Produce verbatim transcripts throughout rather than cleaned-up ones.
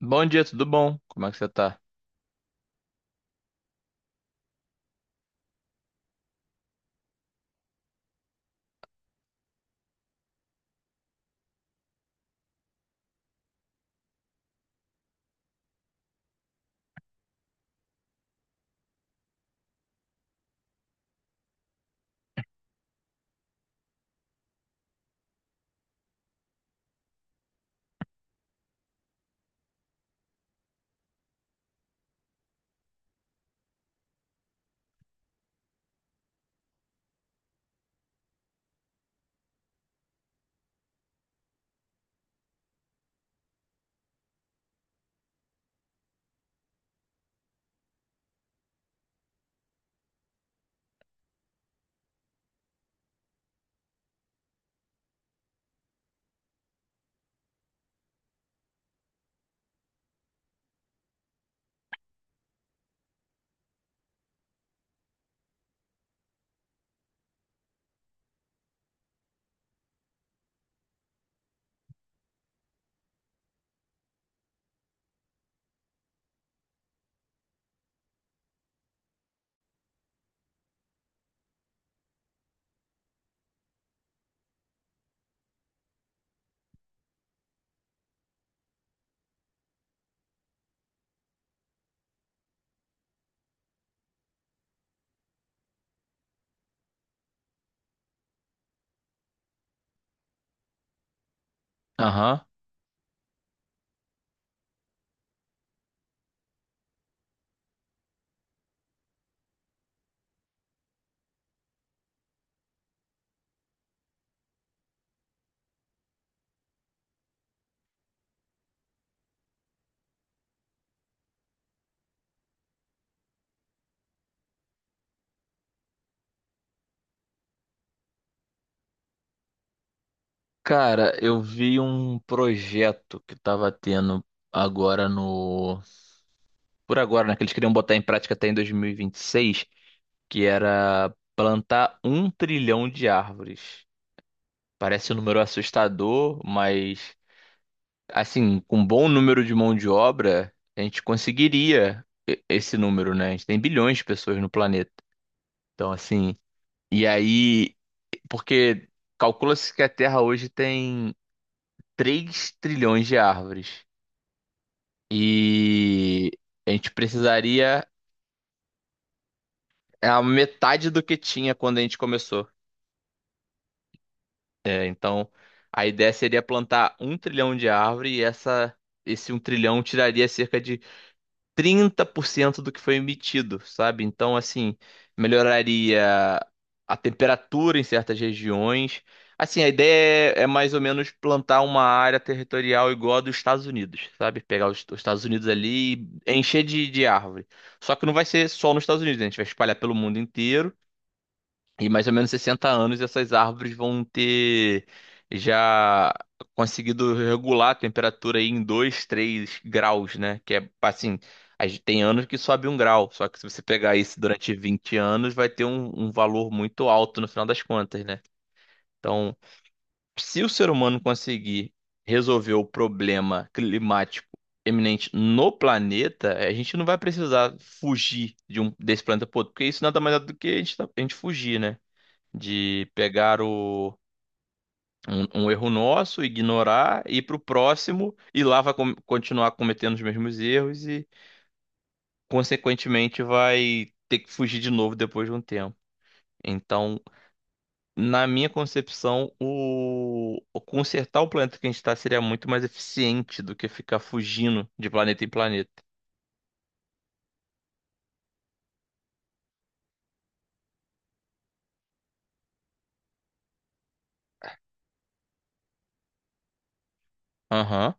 Bom dia, tudo bom? Como é que você tá? Aham. Cara, eu vi um projeto que tava tendo agora no. Por agora, né? Que eles queriam botar em prática até em dois mil e vinte e seis, que era plantar um trilhão de árvores. Parece um número assustador, mas assim, com um bom número de mão de obra, a gente conseguiria e- esse número, né? A gente tem bilhões de pessoas no planeta. Então, assim. E aí, porque calcula-se que a Terra hoje tem três trilhões de árvores. E a gente precisaria é a metade do que tinha quando a gente começou. É, então, a ideia seria plantar um trilhão de árvore e essa, esse um trilhão tiraria cerca de trinta por cento do que foi emitido, sabe? Então, assim, melhoraria a temperatura em certas regiões. Assim, a ideia é, é mais ou menos plantar uma área territorial igual a dos Estados Unidos, sabe? Pegar os, os Estados Unidos ali e encher de, de árvore. Só que não vai ser só nos Estados Unidos, né? A gente vai espalhar pelo mundo inteiro. E mais ou menos sessenta anos essas árvores vão ter já conseguido regular a temperatura aí em dois, três graus, né? Que é assim, a gente tem anos que sobe um grau, só que se você pegar isso durante vinte anos, vai ter um, um valor muito alto no final das contas, né? Então, se o ser humano conseguir resolver o problema climático eminente no planeta, a gente não vai precisar fugir de um, desse planeta pro outro, porque isso nada mais é do que a gente, tá- a gente fugir, né? de pegar o, um, um erro nosso, ignorar, ir para o próximo e lá vai com- continuar cometendo os mesmos erros e, consequentemente, vai ter que fugir de novo depois de um tempo. Então, na minha concepção, o, o consertar o planeta que a gente está seria muito mais eficiente do que ficar fugindo de planeta em planeta. Aham.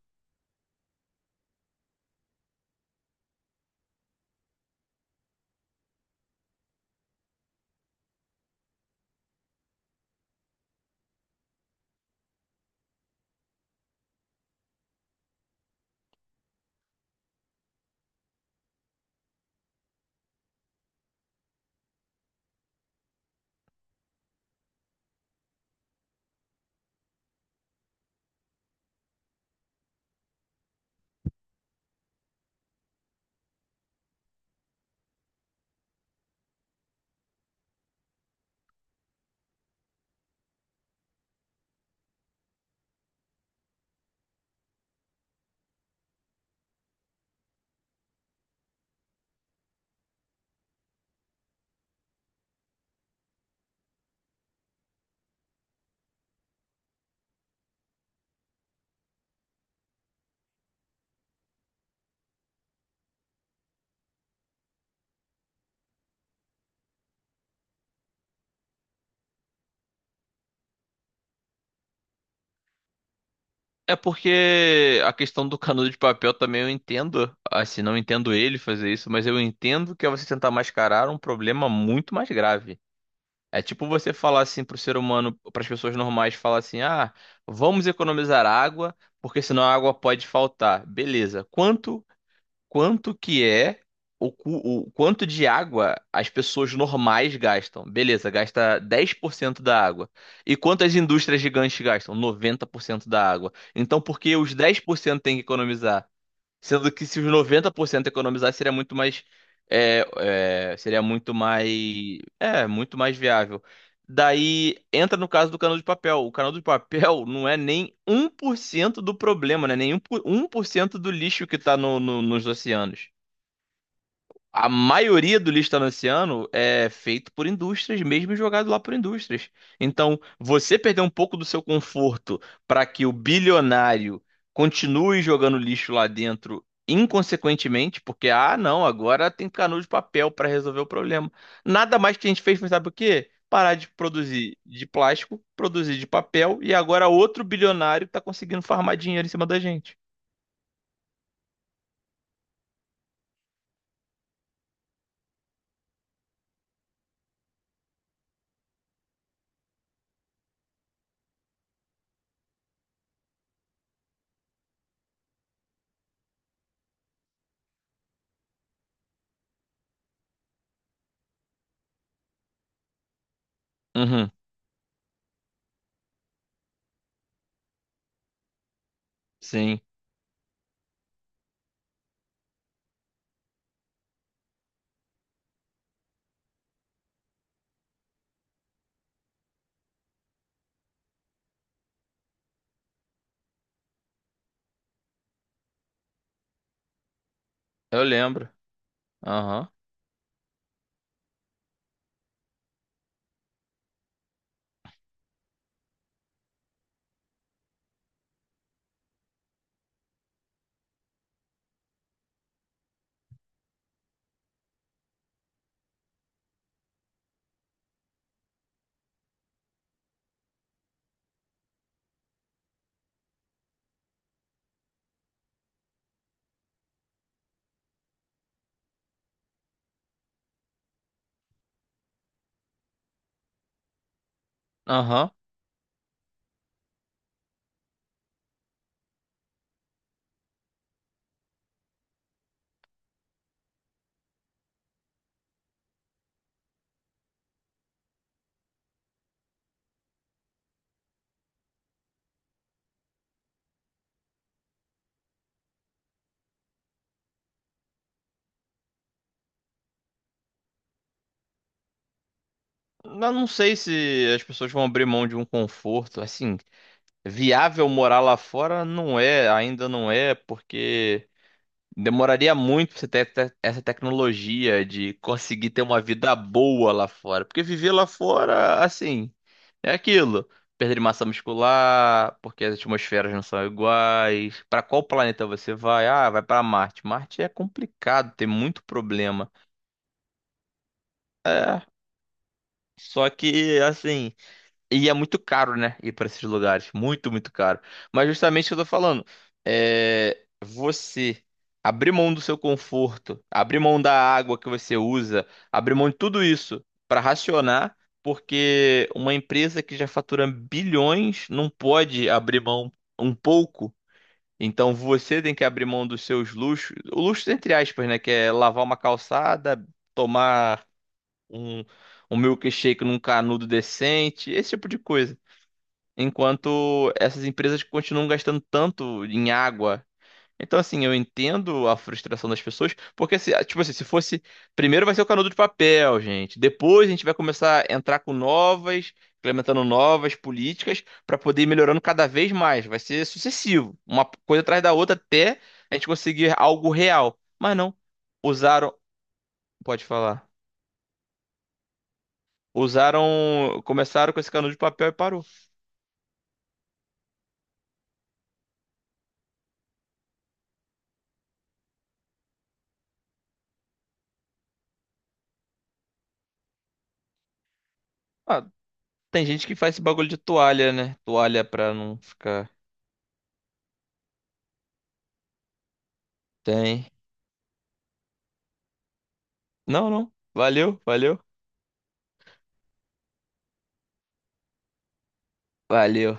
É porque a questão do canudo de papel também eu entendo. Assim, não entendo ele fazer isso, mas eu entendo que é você tentar mascarar um problema muito mais grave. É tipo você falar assim pro ser humano, para as pessoas normais, falar assim: ah, vamos economizar água, porque senão a água pode faltar. Beleza. Quanto quanto que é o, cu- o quanto de água as pessoas normais gastam. Beleza, gasta dez por cento da água. E quanto as indústrias gigantes gastam? Noventa por cento da água. Então, por que os dez por cento têm que economizar? Sendo que se os noventa por cento economizar seria muito mais é, é, seria muito mais é, muito mais viável. Daí entra no caso do canudo de papel. O canudo de papel não é nem um por cento do problema, né? Nem um por um por cento do lixo que está no, no- nos oceanos. A maioria do lixo talanciano é feito por indústrias, mesmo e jogado lá por indústrias. Então, você perder um pouco do seu conforto para que o bilionário continue jogando lixo lá dentro inconsequentemente, porque, ah, não, agora tem canudo de papel para resolver o problema. Nada mais que a gente fez, mas sabe o quê? Parar de produzir de plástico, produzir de papel, e agora outro bilionário está conseguindo farmar dinheiro em cima da gente. Uhum, sim, eu lembro. Aham, aham. Eu não sei se as pessoas vão abrir mão de um conforto. Assim, viável morar lá fora não é, ainda não é, porque demoraria muito pra você ter te- essa tecnologia de conseguir ter uma vida boa lá fora. Porque viver lá fora, assim, é aquilo. Perda de massa muscular, porque as atmosferas não são iguais. Pra qual planeta você vai? Ah, vai pra Marte. Marte é complicado, tem muito problema. É, só que, assim. E é muito caro, né? Ir para esses lugares. Muito, muito caro. Mas justamente o que eu tô falando. É você abrir mão do seu conforto, abrir mão da água que você usa, abrir mão de tudo isso para racionar, porque uma empresa que já fatura bilhões não pode abrir mão um pouco. Então você tem que abrir mão dos seus luxos, o luxo entre aspas, né? Que é lavar uma calçada, tomar um, um milkshake num canudo decente, esse tipo de coisa enquanto essas empresas continuam gastando tanto em água. Então, assim, eu entendo a frustração das pessoas, porque, se, tipo assim, se fosse. Primeiro vai ser o canudo de papel, gente. Depois a gente vai começar a entrar com novas, implementando novas políticas para poder ir melhorando cada vez mais. Vai ser sucessivo, uma coisa atrás da outra até a gente conseguir algo real. Mas não. Usaram. Pode falar. Usaram. Começaram com esse canudo de papel e parou. Ah, tem gente que faz esse bagulho de toalha, né? Toalha pra não ficar. Tem. Não, não. Valeu, valeu. Valeu.